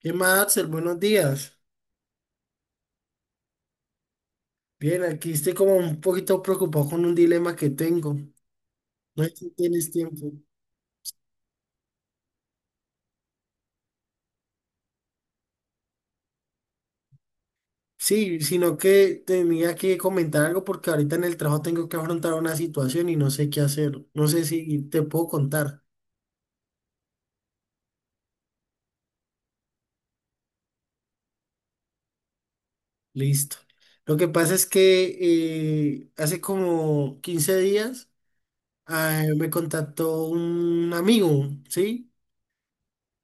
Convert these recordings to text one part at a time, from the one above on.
¿Qué más, Axel? Buenos días. Bien, aquí estoy como un poquito preocupado con un dilema que tengo. No sé si tienes tiempo. Sí, sino que tenía que comentar algo porque ahorita en el trabajo tengo que afrontar una situación y no sé qué hacer. No sé si te puedo contar. Listo. Lo que pasa es que hace como 15 días me contactó un amigo, ¿sí?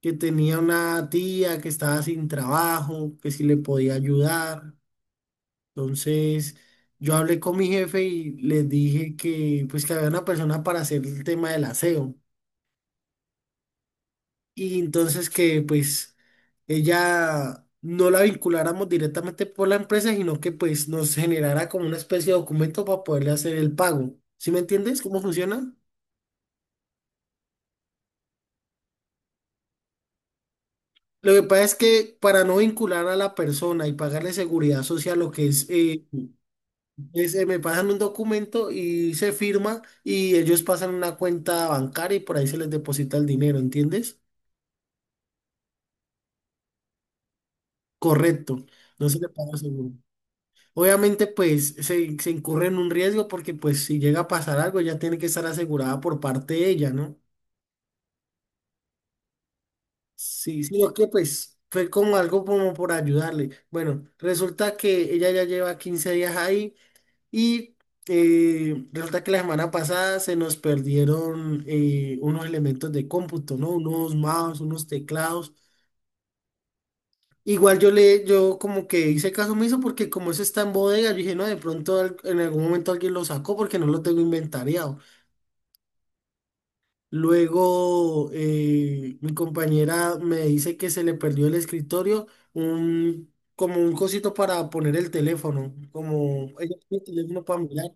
Que tenía una tía que estaba sin trabajo, que si le podía ayudar. Entonces, yo hablé con mi jefe y les dije que pues que había una persona para hacer el tema del aseo. Y entonces que pues ella no la vinculáramos directamente por la empresa, sino que pues nos generara como una especie de documento para poderle hacer el pago. ¿Sí me entiendes cómo funciona? Lo que pasa es que para no vincular a la persona y pagarle seguridad social, lo que es dice, me pasan un documento y se firma y ellos pasan una cuenta bancaria y por ahí se les deposita el dinero, ¿entiendes? Correcto, no se le paga seguro. Obviamente, pues se incurre en un riesgo porque pues si llega a pasar algo, ya tiene que estar asegurada por parte de ella, ¿no? Sí, sí, lo que pues fue como algo como por ayudarle. Bueno, resulta que ella ya lleva 15 días ahí. Y resulta que la semana pasada se nos perdieron unos elementos de cómputo, ¿no? Unos mouse, unos teclados. Igual yo le, yo como que hice caso omiso porque como eso está en bodega, yo dije, no, de pronto en algún momento alguien lo sacó porque no lo tengo inventariado. Luego mi compañera me dice que se le perdió el escritorio, un, como un cosito para poner el teléfono, como ella tiene el teléfono para mirar.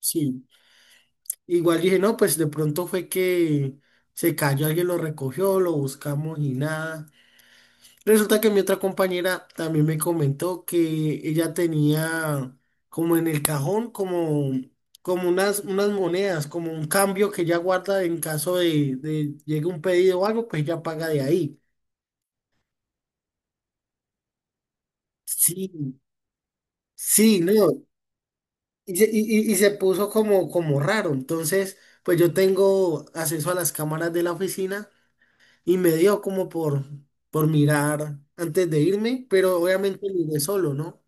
Sí. Igual dije, no, pues de pronto fue que se cayó, alguien lo recogió, lo buscamos y nada. Resulta que mi otra compañera también me comentó que ella tenía como en el cajón, como, como unas, unas monedas, como un cambio que ella guarda en caso de llegue un pedido o algo, pues ella paga de ahí. Sí, sí, no. Y, y, y se puso como, como raro. Entonces, pues yo tengo acceso a las cámaras de la oficina. Y me dio como por mirar antes de irme, pero obviamente miré solo, ¿no?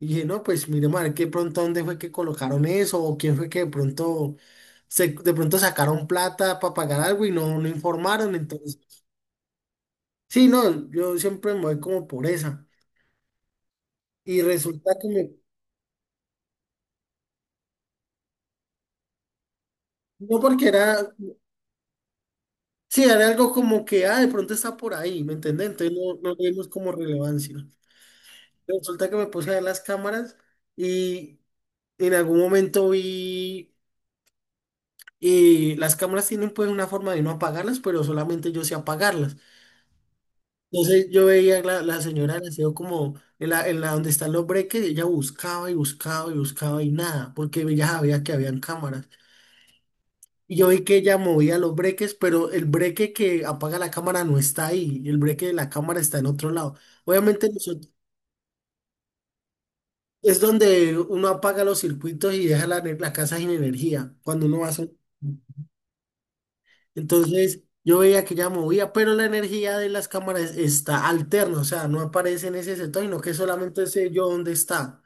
Y dije, no, pues miremos a ver qué pronto dónde fue que colocaron eso o quién fue que de pronto, se, de pronto sacaron plata para pagar algo y no, no informaron. Entonces, sí, no, yo siempre me voy como por esa. Y resulta que me, no porque era, sí, era algo como que, ah, de pronto está por ahí, ¿me entendés? Entonces no, no le dimos como relevancia. Resulta que me puse a ver las cámaras y en algún momento vi y las cámaras tienen pues una forma de no apagarlas, pero solamente yo sé apagarlas. Entonces yo veía la, la señora del aseo como en la donde están los breques, ella buscaba y buscaba y buscaba y nada, porque ella sabía que habían cámaras. Y yo vi que ella movía los breques, pero el breque que apaga la cámara no está ahí, el breque de la cámara está en otro lado. Obviamente nosotros- es donde uno apaga los circuitos y deja la, la casa sin energía, cuando uno va a hacer... Entonces yo veía que ya movía, pero la energía de las cámaras está alterna, o sea, no aparece en ese sector, sino que solamente sé yo dónde está.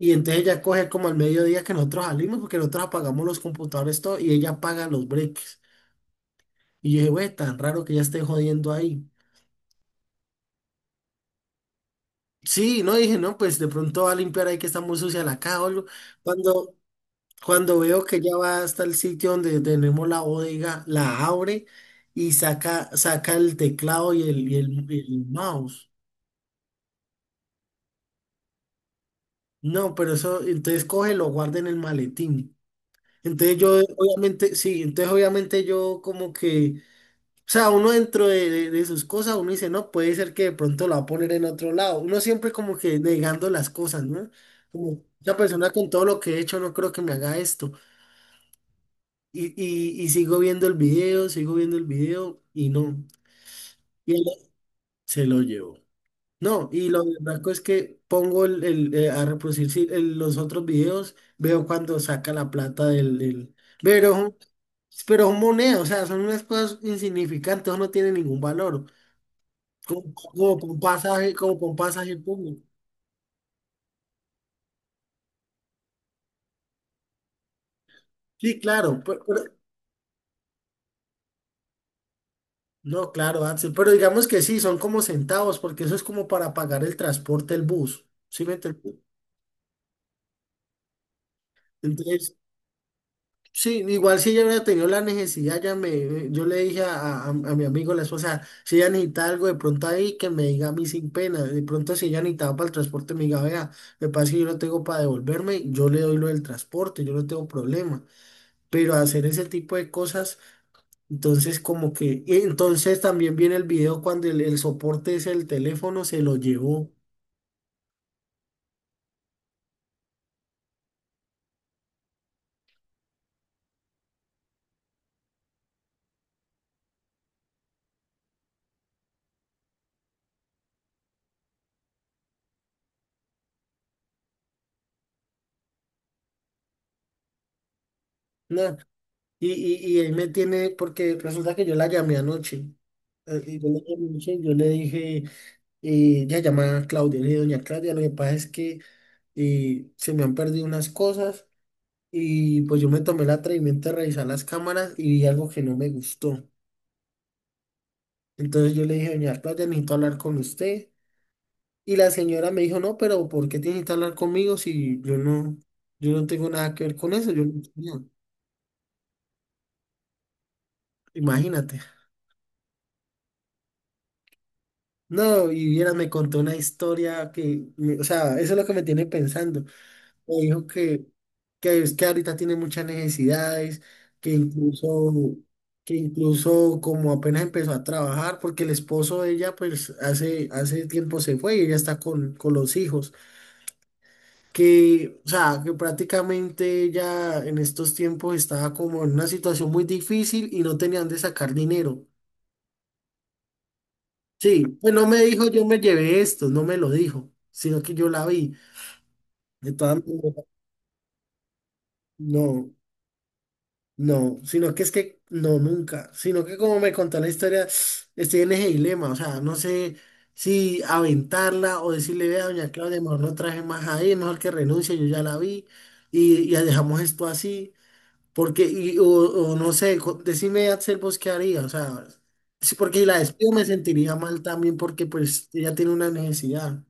Y entonces ella coge como al mediodía que nosotros salimos, porque nosotros apagamos los computadores todo y ella apaga los breaks. Y yo dije, güey, tan raro que ya esté jodiendo ahí. Sí, no dije, no, pues de pronto va a limpiar ahí que está muy sucia la caja o algo. Cuando, cuando veo que ya va hasta el sitio donde tenemos la bodega, la abre y saca, saca el teclado y el, y el, y el mouse. No, pero eso, entonces cógelo, guarda en el maletín. Entonces yo, obviamente, sí, entonces obviamente yo como que, o sea, uno dentro de, de sus cosas, uno dice, no, puede ser que de pronto lo va a poner en otro lado. Uno siempre como que negando las cosas, ¿no? Como, esa persona con todo lo que he hecho no creo que me haga esto. Y sigo viendo el video, sigo viendo el video y no. Y él se lo llevó. No, y lo blanco es que pongo el, a reproducir sí, los otros videos, veo cuando saca la plata del, del- Pero, son- pero son monedas, o sea, son unas cosas insignificantes, eso no tiene ningún valor. Como, como por un pasaje, como por un pasaje público. Sí, claro, pero- no, claro, Axel, pero digamos que sí, son como centavos, porque eso es como para pagar el transporte, el bus, ¿sí me entiendes? Entonces, sí, igual si ella hubiera tenido la necesidad, ya me, yo le dije a, a mi amigo, la esposa, si ella necesita algo de pronto ahí, que me diga a mí sin pena. De pronto si ella necesitaba para el transporte, me diga, vea, me parece que yo no tengo para devolverme, yo le doy lo del transporte, yo no tengo problema. Pero hacer ese tipo de cosas, entonces como que, y entonces también viene el video cuando el soporte es el teléfono, se lo llevó. Nah, y, y ahí me tiene, porque resulta que yo la llamé anoche. Yo la llamé anoche y yo le dije... ella se llama Claudia, le dije, doña Claudia, lo que pasa es que se me han perdido unas cosas y pues yo me tomé el atrevimiento de revisar las cámaras y vi algo que no me gustó. Entonces yo le dije, doña Claudia, necesito hablar con usted. Y la señora me dijo, no, pero ¿por qué tiene que hablar conmigo si yo no, yo no tengo nada que ver con eso? Yo, no, imagínate. No, y viera, me contó una historia que, me- o sea, eso es lo que me tiene pensando. Me dijo que es que ahorita tiene muchas necesidades, que incluso, que incluso como apenas empezó a trabajar, porque el esposo de ella pues hace, hace tiempo se fue y ella está con los hijos, que, o sea, que prácticamente ella en estos tiempos estaba como en una situación muy difícil y no tenían de sacar dinero. Sí, pues no me dijo yo me llevé esto, no me lo dijo, sino que yo la vi. De todas maneras, no. No, sino que es que no, nunca, sino que como me contó la historia, estoy en ese dilema, o sea, no sé si aventarla o decirle, vea, doña Claudia, mejor no traje más ahí, mejor que renuncie, yo ya la vi y ya dejamos esto así, porque, y, o no sé, co- decime, Axel, vos qué haría, o sea, sí, porque si la despido me sentiría mal también porque pues ella tiene una necesidad,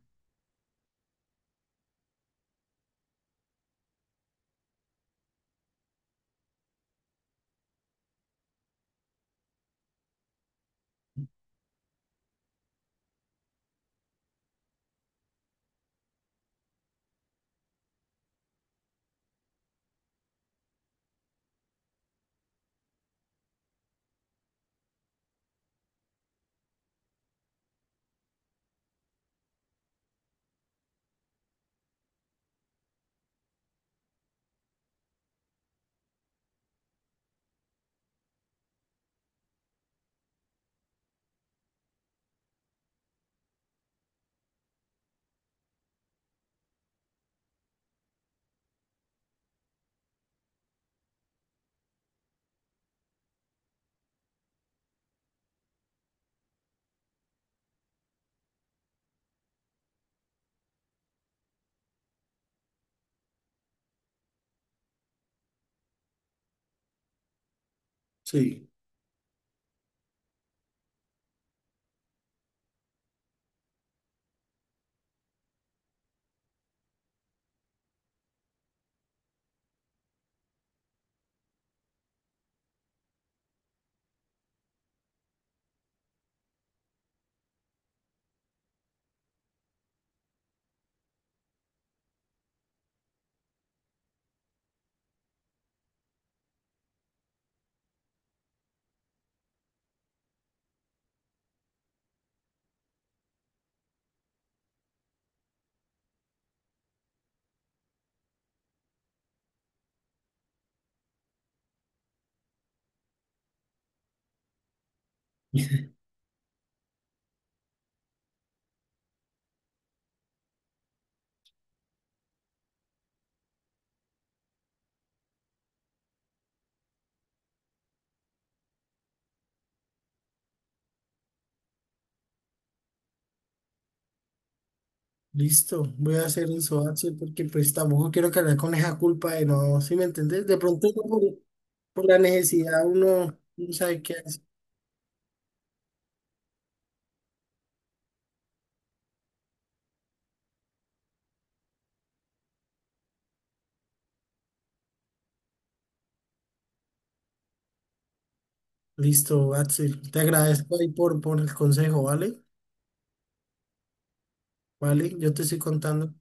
sí. Listo, voy a hacer eso, Axel, porque pues tampoco quiero cargar con esa culpa de no, ¿sí me entendés? De pronto por la necesidad uno no sabe qué hacer. Listo, Axel, te agradezco ahí por el consejo, ¿vale? Vale, yo te estoy contando.